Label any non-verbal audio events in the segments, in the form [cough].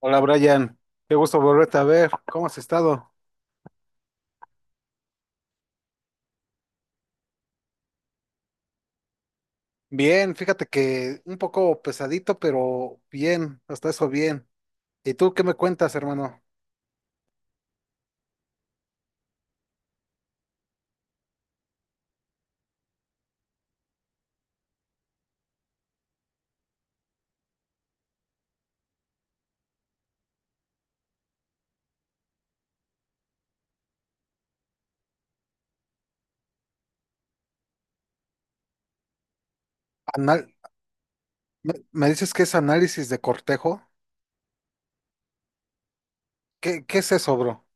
Hola Brian, qué gusto volverte a ver. ¿Cómo has estado? Bien, fíjate que un poco pesadito, pero bien, hasta eso bien. ¿Y tú qué me cuentas, hermano? Anal- me dices que es análisis de cortejo? ¿Qué es eso, bro?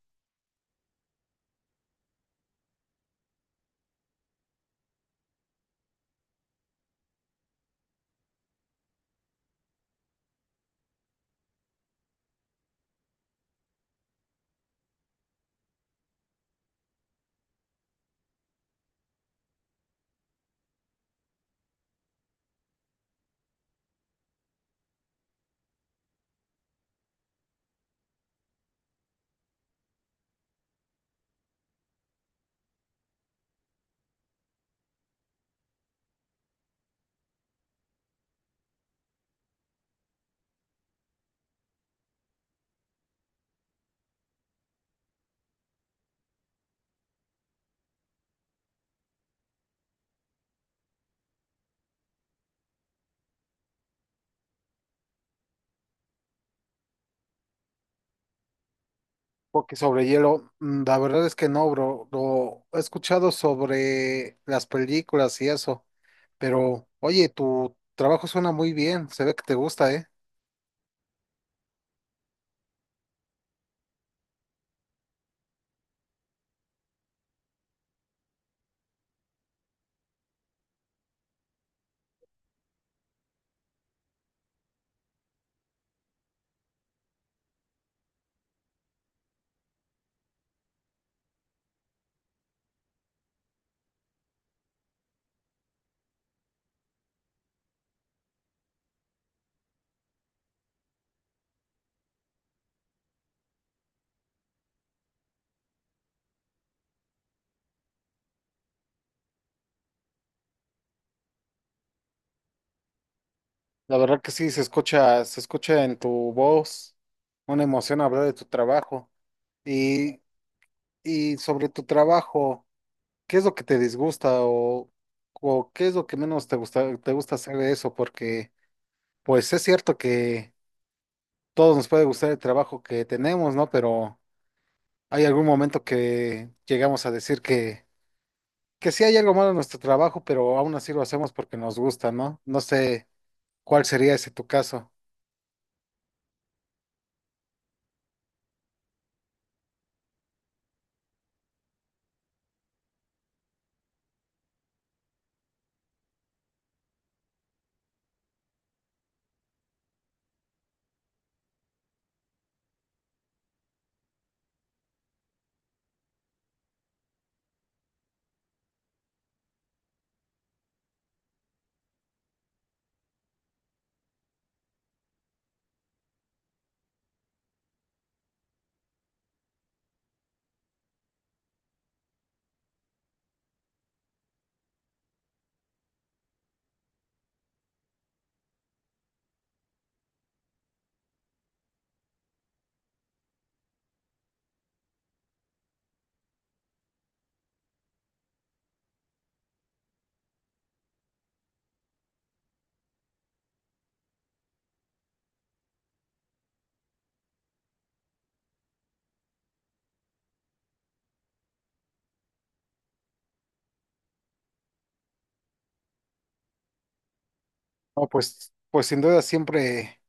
Porque sobre hielo, la verdad es que no, bro. Lo he escuchado sobre las películas y eso, pero oye, tu trabajo suena muy bien, se ve que te gusta, ¿eh? La verdad que sí, se escucha en tu voz una emoción hablar de tu trabajo. Y, y sobre tu trabajo, ¿qué es lo que te disgusta o qué es lo que menos te gusta hacer de eso? Porque, pues es cierto que todos nos puede gustar el trabajo que tenemos, ¿no? Pero hay algún momento que llegamos a decir que sí hay algo malo en nuestro trabajo, pero aún así lo hacemos porque nos gusta, ¿no? No sé cuál sería ese tu caso. No, pues, pues sin duda siempre.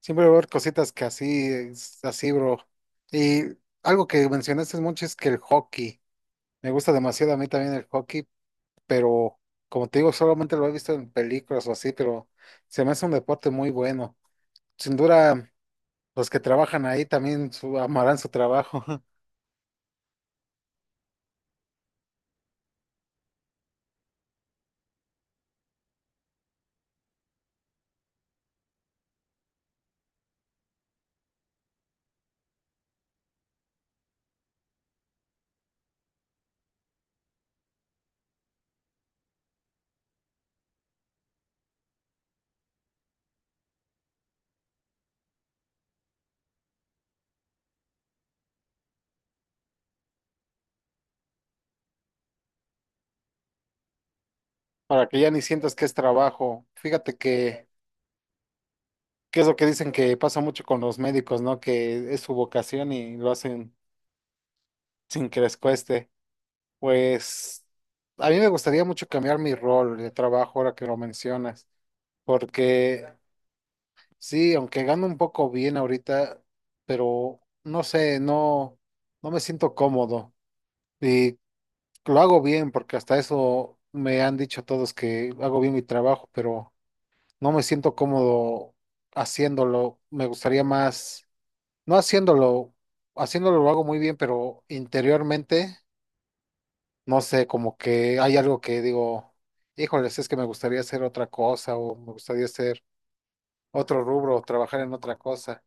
Siempre va a haber cositas que así, es así, bro. Y algo que mencionaste mucho es que el hockey. Me gusta demasiado a mí también el hockey, pero como te digo, solamente lo he visto en películas o así, pero se me hace un deporte muy bueno. Sin duda, los que trabajan ahí también amarán su trabajo, [laughs] para que ya ni sientas que es trabajo. Que es lo que dicen que pasa mucho con los médicos, ¿no? Que es su vocación y lo hacen sin que les cueste. Pues a mí me gustaría mucho cambiar mi rol de trabajo ahora que lo mencionas, porque sí, aunque gano un poco bien ahorita, pero no sé, no, no me siento cómodo y lo hago bien porque hasta eso me han dicho todos que hago bien mi trabajo, pero no me siento cómodo haciéndolo. Me gustaría más, no haciéndolo, haciéndolo lo hago muy bien, pero interiormente. No sé, como que hay algo que digo, híjoles, es que me gustaría hacer otra cosa o me gustaría hacer otro rubro o trabajar en otra cosa.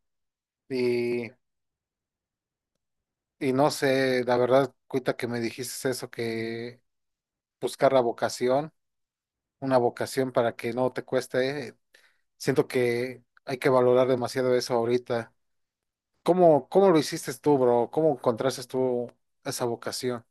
Y, y no sé, la verdad, cuita que me dijiste eso, que buscar la vocación, una vocación para que no te cueste, siento que hay que valorar demasiado eso ahorita. ¿Cómo lo hiciste tú, bro? ¿Cómo encontraste tú esa vocación?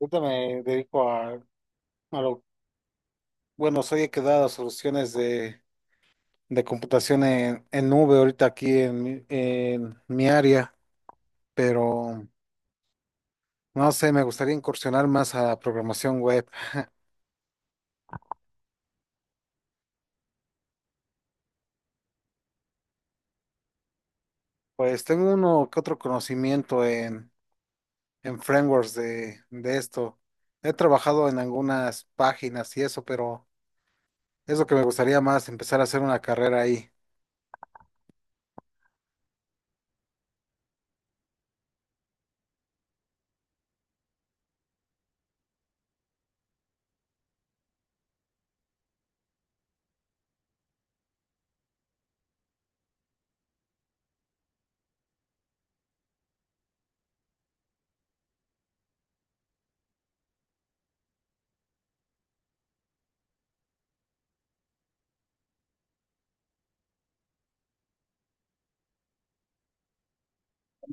Ahorita me dedico a lo, bueno, soy he quedado a soluciones de computación en nube ahorita aquí en, en mi área, pero no sé, me gustaría incursionar más a programación web. Pues tengo uno que otro conocimiento en frameworks de esto. He trabajado en algunas páginas y eso, pero es lo que me gustaría más, empezar a hacer una carrera ahí.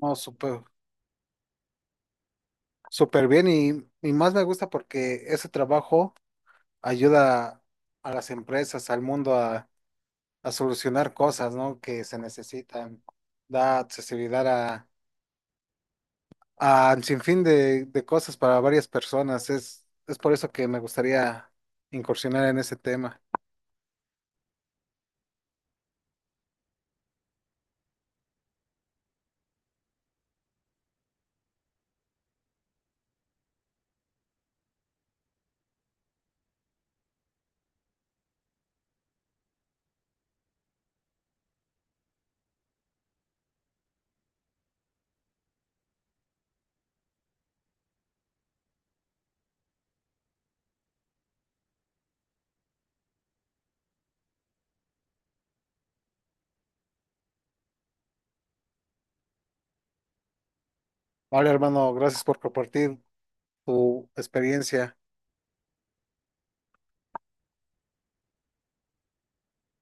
No, súper bien y más me gusta porque ese trabajo ayuda a las empresas, al mundo a solucionar cosas, ¿no? Que se necesitan. Da accesibilidad a, a un sinfín de cosas para varias personas. Es por eso que me gustaría incursionar en ese tema. Vale, hermano, gracias por compartir tu experiencia.